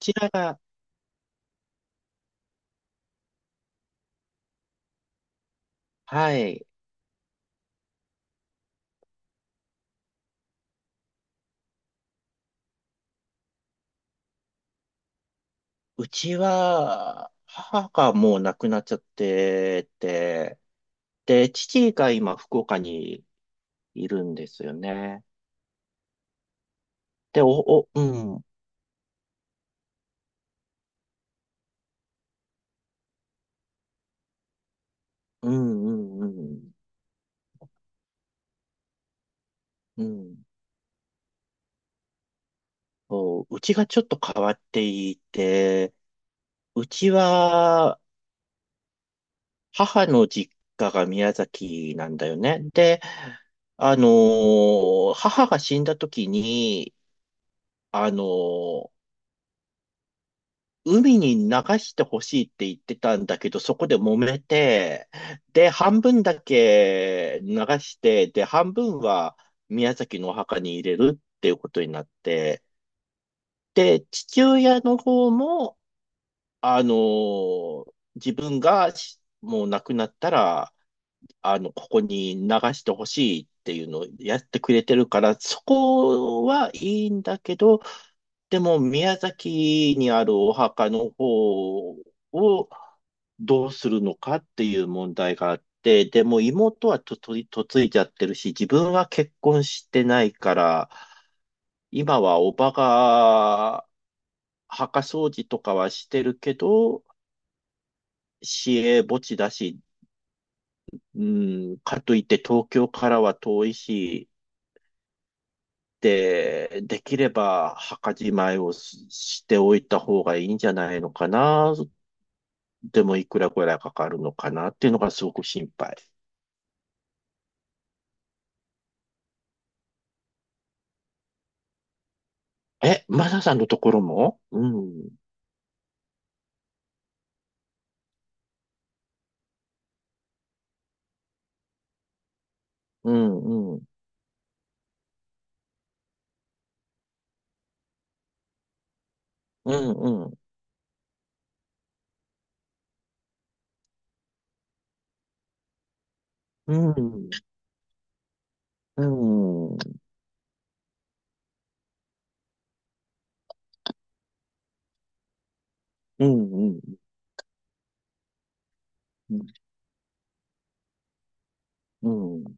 ちらが、はい。うちは、母がもう亡くなっちゃってて、で、父が今、福岡にいるんですよね。で、うん、うん、うん、うん、うん。そう、うちがちょっと変わっていて、うちは、母の実家が宮崎なんだよね。で、母が死んだ時に、あのー海に流してほしいって言ってたんだけど、そこで揉めて、で、半分だけ流して、で、半分は宮崎のお墓に入れるっていうことになって、で、父親の方も、自分がもう亡くなったら、あの、ここに流してほしいっていうのをやってくれてるから、そこはいいんだけど、でも宮崎にあるお墓の方をどうするのかっていう問題があって、でも妹は嫁いじゃってるし、自分は結婚してないから、今はおばが墓掃除とかはしてるけど、市営墓地だし、うん、かといって東京からは遠いし、で、できれば墓じまいをしておいた方がいいんじゃないのかな。でもいくらぐらいかかるのかなっていうのがすごく心配。え、マサさんのところも、うん、うん、うん、うん、うん、うん、うん、うん、うん、うん、うん、うん、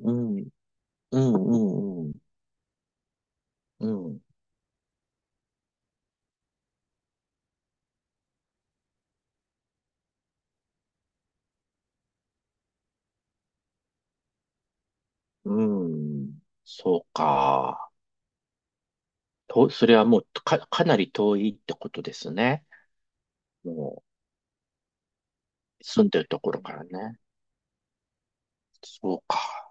うん、うん、うん、そうか。と、それはもうかなり遠いってことですね。もう住んでるところからね。そうか。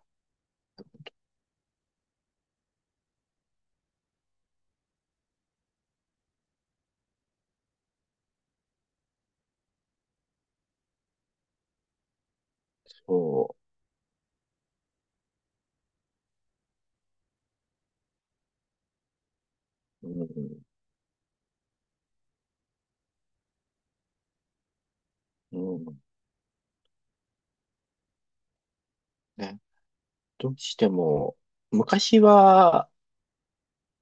そう、うん、うん。ね、どうしても、昔は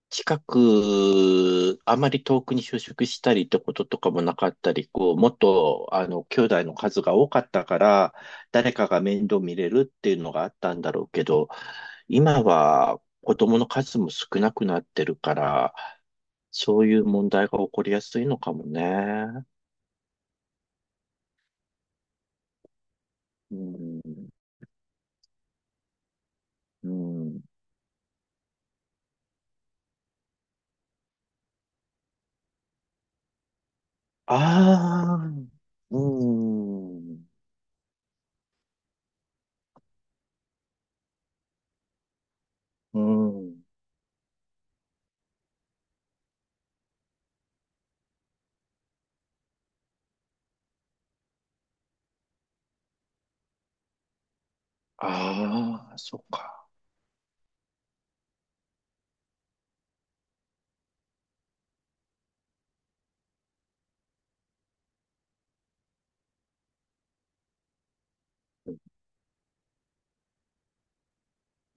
あまり遠くに就職したりってこととかもなかったり、こう、もっと、あの、兄弟の数が多かったから、誰かが面倒見れるっていうのがあったんだろうけど、今は子供の数も少なくなってるから、そういう問題が起こりやすいのかもね。うん、うん。ああ、うん。うん。ああ、そっか。う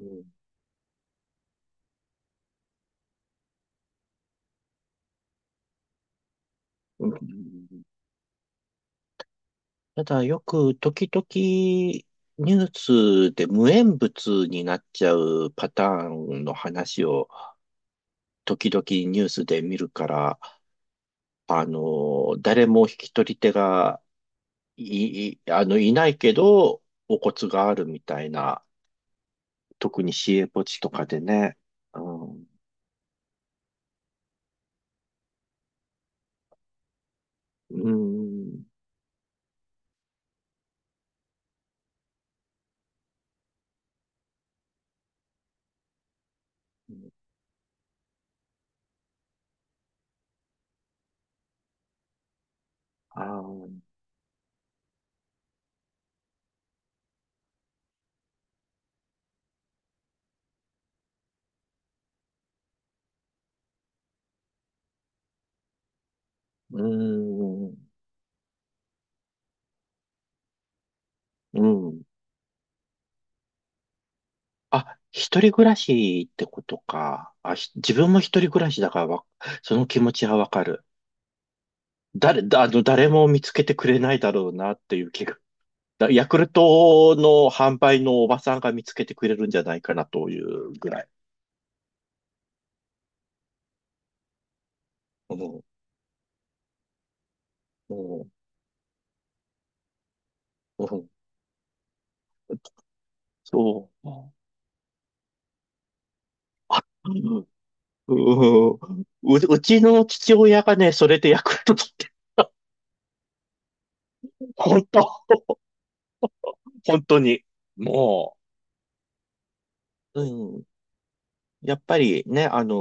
ん、うん。ただよく時々ニュースで無縁物になっちゃうパターンの話を時々ニュースで見るから、あの、誰も引き取り手があの、いないけど、お骨があるみたいな、特に市営墓地とかでね。うん、うん、あー、うん、うん。あ、一人暮らしってことか。あ、自分も一人暮らしだからその気持ちはわかる。あの、誰も見つけてくれないだろうなっていう気が。だヤクルトの販売のおばさんが見つけてくれるんじゃないかなというぐらい。うん、うん、うん。そう。あ、うん、うん、う、うちの父親がね、それでヤクルト取って、本当、本当に。もう、うん。やっぱりね、あの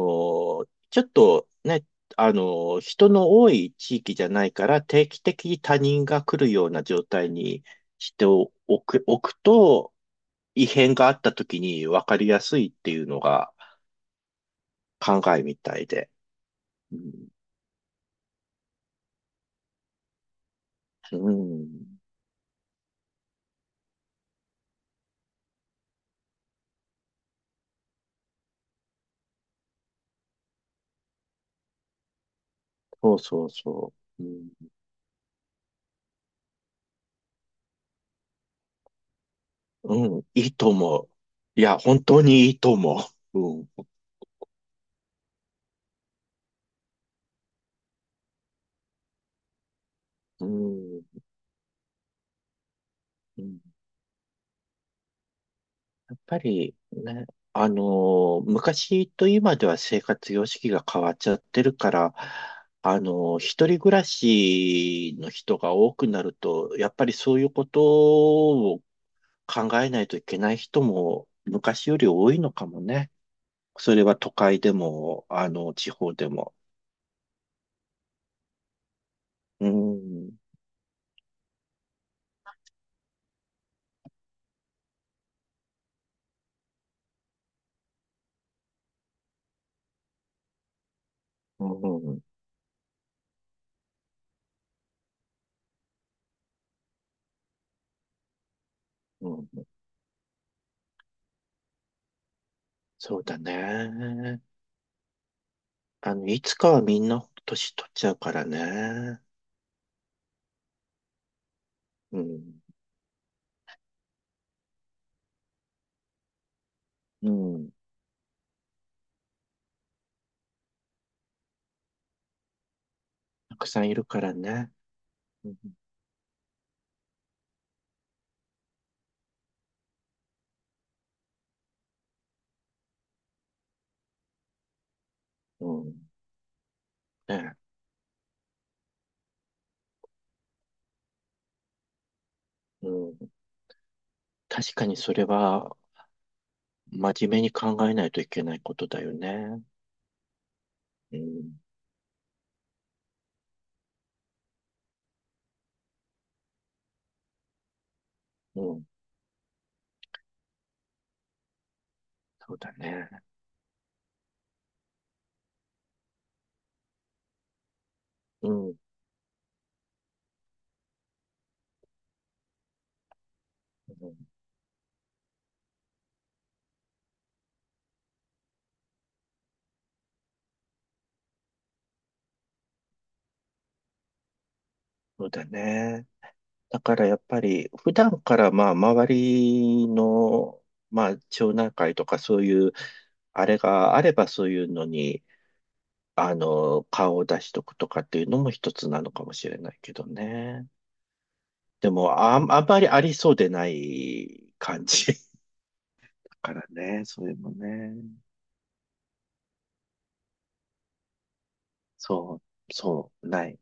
ーちょっとね、あの人の多い地域じゃないから定期的に他人が来るような状態にしておく、おくと、異変があった時に分かりやすいっていうのが考えみたいで。うん、うん。そうそうそう。うん、うん、いいと思う。いや、本当にいいと思う。うん、うん、うん。やっぱりね、あの昔と今では生活様式が変わっちゃってるから、一人暮らしの人が多くなると、やっぱりそういうことを考えないといけない人も昔より多いのかもね。それは都会でも、あの、地方でも。うん、うん、うん、そうだね。あの、いつかはみんな年取っちゃうからね。うん、うん。たくさんいるからね。うん、うん。ね。うん。確かにそれは、真面目に考えないといけないことだよね。うん。うん。そうだね。うん。うん。そうだね。だからやっぱり、普段からまあ、周りの、まあ、町内会とかそういう、あれがあればそういうのに、あの、顔を出しとくとかっていうのも一つなのかもしれないけどね。でも、あんまりありそうでない感じ。からね、それもね、そう、そう、ない。